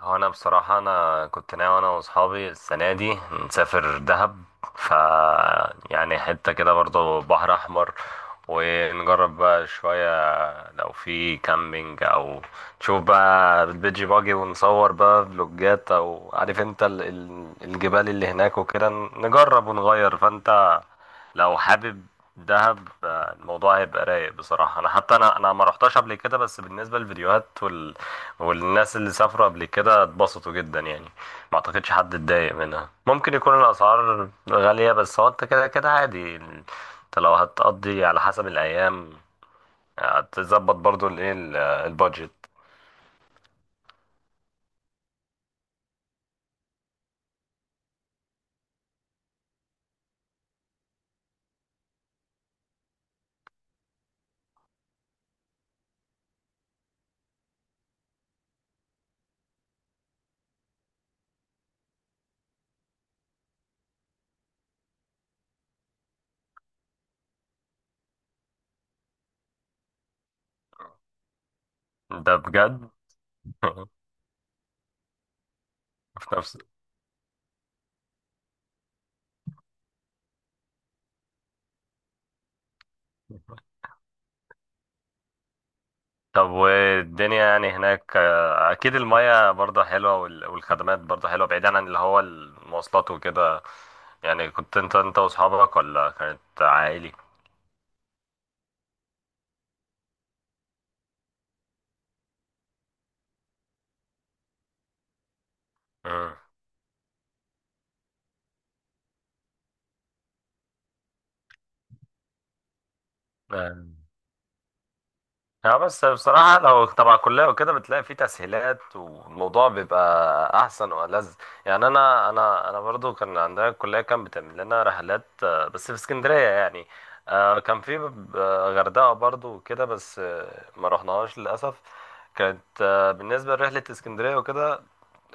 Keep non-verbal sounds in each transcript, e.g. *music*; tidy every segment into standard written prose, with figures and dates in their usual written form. هو انا بصراحة كنت ناوي انا واصحابي السنة دي نسافر دهب. ف يعني حتة كده برضو بحر احمر، ونجرب بقى شوية لو في كامبينج او نشوف بقى البيجي باجي ونصور بقى فلوجات، او عارف انت الجبال اللي هناك وكده. نجرب ونغير فانت لو حابب. دهب الموضوع هيبقى رايق بصراحة، انا حتى انا ما رحتش قبل كده، بس بالنسبة للفيديوهات والناس اللي سافروا قبل كده اتبسطوا جدا يعني، ما اعتقدش حد اتضايق منها. ممكن يكون الاسعار غالية، بس هو انت كده كده عادي، انت لو هتقضي على حسب الايام هتظبط برضو الايه البادجت. ده بجد. *laughs* في نفس طب والدنيا يعني هناك اكيد المياه برضه حلوة والخدمات برضه حلوة بعيدا عن اللي هو المواصلات وكده. يعني كنت انت واصحابك ولا كانت عائلي؟ مم. اه بس بصراحة لو تبع كلية وكده بتلاقي فيه تسهيلات والموضوع بيبقى أحسن وألذ. يعني أنا برضو كان عندنا الكلية كان بتعمل لنا رحلات، بس في اسكندرية يعني. كان في غردقة برضو وكده، بس ما رحناهاش للأسف. كانت بالنسبة لرحلة اسكندرية وكده،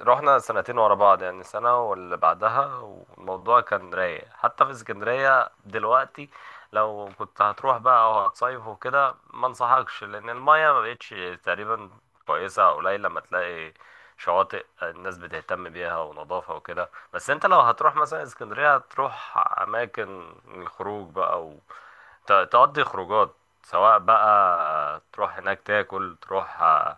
رحنا سنتين ورا بعض، يعني سنة واللي بعدها، والموضوع كان رايق. حتى في اسكندرية دلوقتي لو كنت هتروح بقى او هتصيف وكده ما انصحكش، لان المايه ما بقتش تقريبا كويسه، او قليل لما تلاقي شواطئ الناس بتهتم بيها ونظافه وكده. بس انت لو هتروح مثلا اسكندريه هتروح اماكن الخروج بقى تقضي خروجات، سواء بقى تروح هناك تاكل، تروح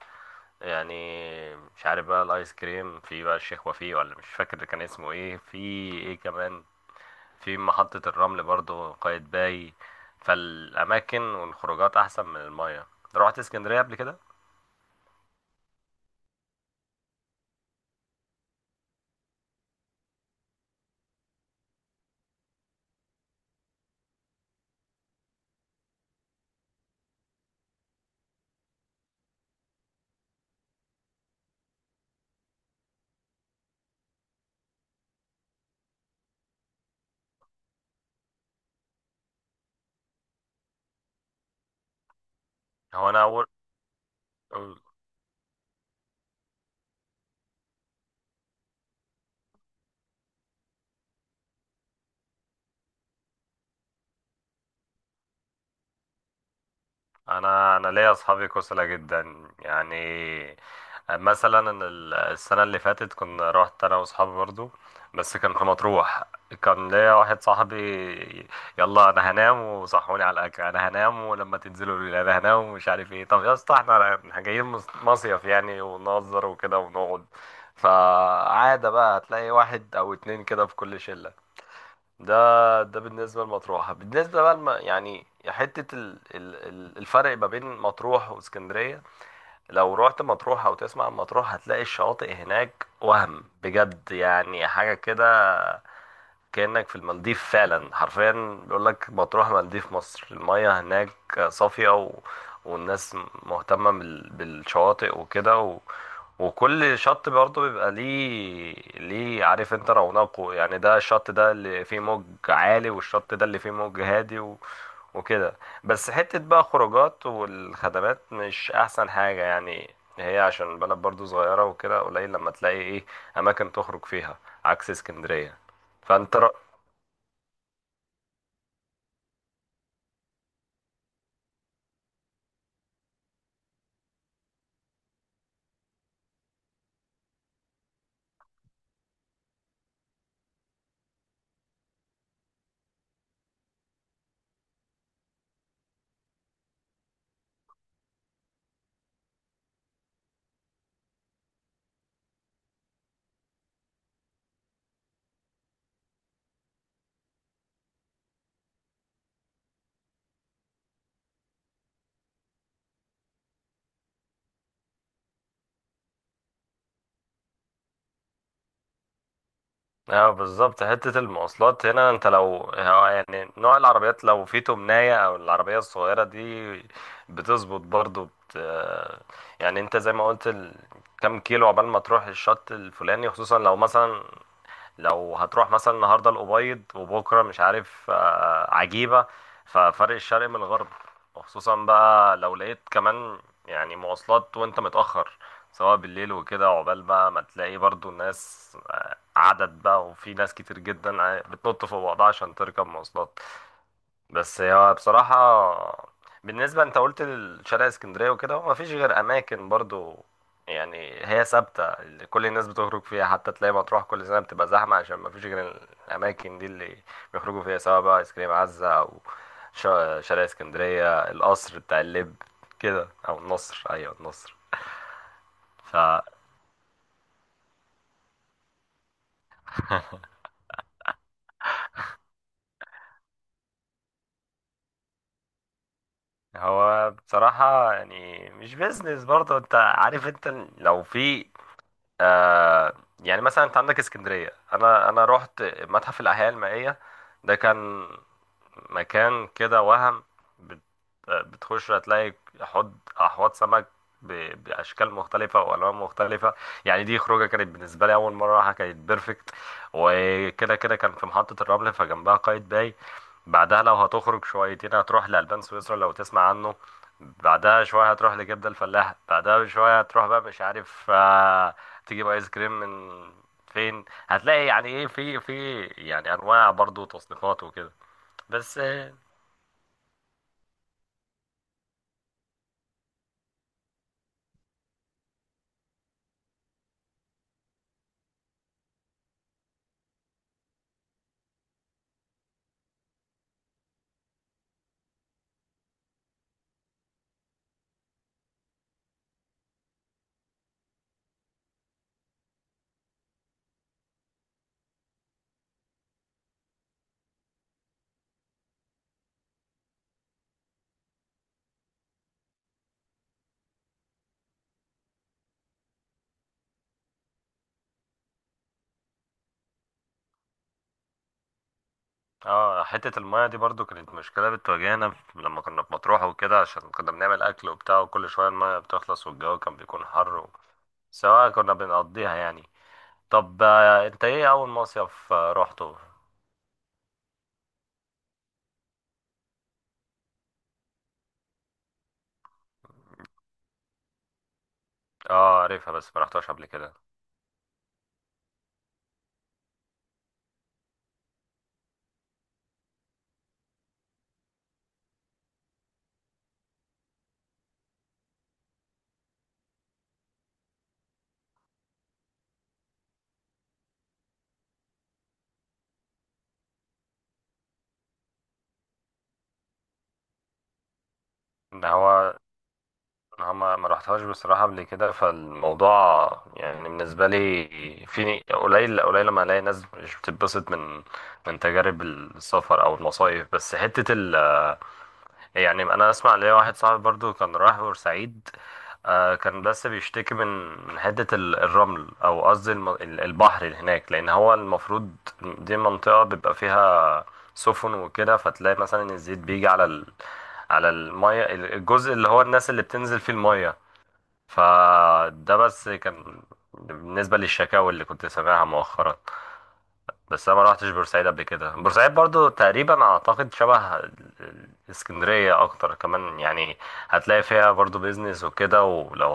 يعني، مش عارف بقى الايس كريم في بقى الشيخ وفيه، ولا مش فاكر كان اسمه ايه في. ايه كمان، في محطة الرمل برضو قايتباي. فالأماكن والخروجات أحسن من المية. روحت اسكندرية قبل كده؟ هو أنا أول انا ليا اصحابي كسلة جدا يعني. مثلا أنا السنه اللي فاتت كنا رحت انا واصحابي برضو، بس كان في مطروح. كان ليا واحد صاحبي، يلا انا هنام وصحوني على الاكل، انا هنام ولما تنزلوا قولوا لي، انا هنام ومش عارف ايه. طب يا اسطى احنا جايين مصيف يعني، ونهزر وكده ونقعد. فعادة بقى هتلاقي واحد او اتنين كده في كل شلة. ده بالنسبة لمطروح. بالنسبة بقى يعني حتة الفرق ما بين مطروح واسكندرية، لو رحت مطروح أو تسمع عن مطروح هتلاقي الشواطئ هناك وهم بجد، يعني حاجة كده كأنك في المالديف فعلا حرفيا. بيقول لك مطروح مالديف مصر. المياه هناك صافية والناس مهتمة بالشواطئ وكده، وكل شط برضه بيبقى ليه عارف انت رونقه، يعني ده الشط ده اللي فيه موج عالي، والشط ده اللي فيه موج هادي وكده. بس حتة بقى خروجات والخدمات مش أحسن حاجة يعني، هي عشان البلد برضو صغيرة وكده قليل لما تلاقي ايه أماكن تخرج فيها، عكس اسكندرية. فأنت رأ... اه بالظبط، حتة المواصلات هنا انت لو يعني نوع العربيات لو في تمناية او العربية الصغيرة دي بتظبط برضو. يعني انت زي ما قلت، كم كيلو عقبال ما تروح الشط الفلاني، خصوصا لو مثلا لو هتروح مثلا النهارده الأبيض وبكره مش عارف عجيبة. ففرق الشرق من الغرب. وخصوصا بقى لو لقيت كمان يعني مواصلات وانت متأخر سواء بالليل وكده، عقبال بقى ما تلاقي برضو الناس عدد بقى، وفي ناس كتير جدا بتنط فوق بعضها عشان تركب مواصلات. بس هو بصراحة، بالنسبة انت قلت لشارع اسكندرية وكده، هو مفيش غير أماكن برضو يعني هي ثابتة اللي كل الناس بتخرج فيها. حتى تلاقي مطروح كل سنة بتبقى زحمة عشان مفيش غير الأماكن دي اللي بيخرجوا فيها، سواء بقى ايس كريم عزة، أو شارع اسكندرية، القصر بتاع اللب كده، أو النصر. أيوة النصر. ف هو بصراحة يعني مش بيزنس برضه، انت عارف انت لو في آه يعني مثلا انت عندك اسكندريه، انا رحت متحف الاحياء المائيه، ده كان مكان كده وهم بت- بتخش هتلاقي احواض سمك باشكال مختلفه والوان مختلفه. يعني دي خروجه كانت بالنسبه لي اول مره راحه، كانت بيرفكت. وكده كده كان في محطه الرمل فجنبها قايد باي، بعدها لو هتخرج شويتين هتروح لألبان سويسرا لو تسمع عنه، بعدها شوية هتروح لجدة الفلاح، بعدها بشوية هتروح بقى مش عارف تجيب ايس كريم من فين، هتلاقي يعني ايه في يعني انواع برضو تصنيفات وكده. بس ايه، اه حتة المية دي برضو كانت مشكلة بتواجهنا لما كنا في مطروح وكده، عشان كنا بنعمل أكل وبتاع وكل شوية المية بتخلص والجو كان بيكون حر سواء كنا بنقضيها يعني. طب انت ايه أول مصيف روحته؟ اه عارفها بس ما رحتهاش قبل كده. ان هو أنا ما رحتهاش بصراحة قبل كده، فالموضوع يعني بالنسبة لي في قليل قليل لما الاقي ناس مش بتتبسط من من تجارب السفر او المصايف. بس حتة ال يعني انا اسمع، ليا واحد صاحبي برضو كان رايح بورسعيد، آه كان بس بيشتكي من من حته الرمل، او قصدي البحر اللي هناك، لان هو المفروض دي منطقه بيبقى فيها سفن وكده، فتلاقي مثلا الزيت بيجي على الميه الجزء اللي هو الناس اللي بتنزل فيه الميه. فده بس كان بالنسبه للشكاوى اللي كنت سامعها مؤخرا. بس انا ما روحتش بورسعيد قبل كده. بورسعيد برضو تقريبا اعتقد شبه اسكندرية اكتر كمان يعني. هتلاقي فيها برضو بيزنس وكده، ولو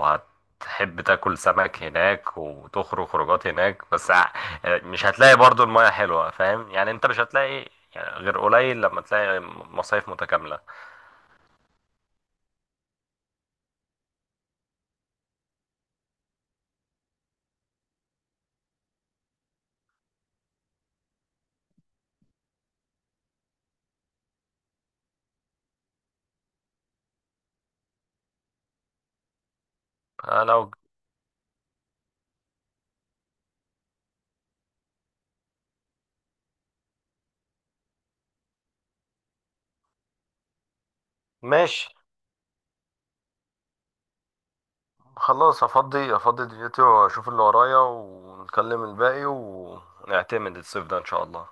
هتحب تاكل سمك هناك وتخرج خروجات هناك، بس مش هتلاقي برضو المياه حلوة، فاهم يعني، انت مش هتلاقي يعني غير قليل لما تلاقي مصايف متكاملة. آه، لو. ماشي، خلاص افضي افضي دنيتي واشوف اللي ورايا، ونكلم الباقي ونعتمد الصيف ده ان شاء الله.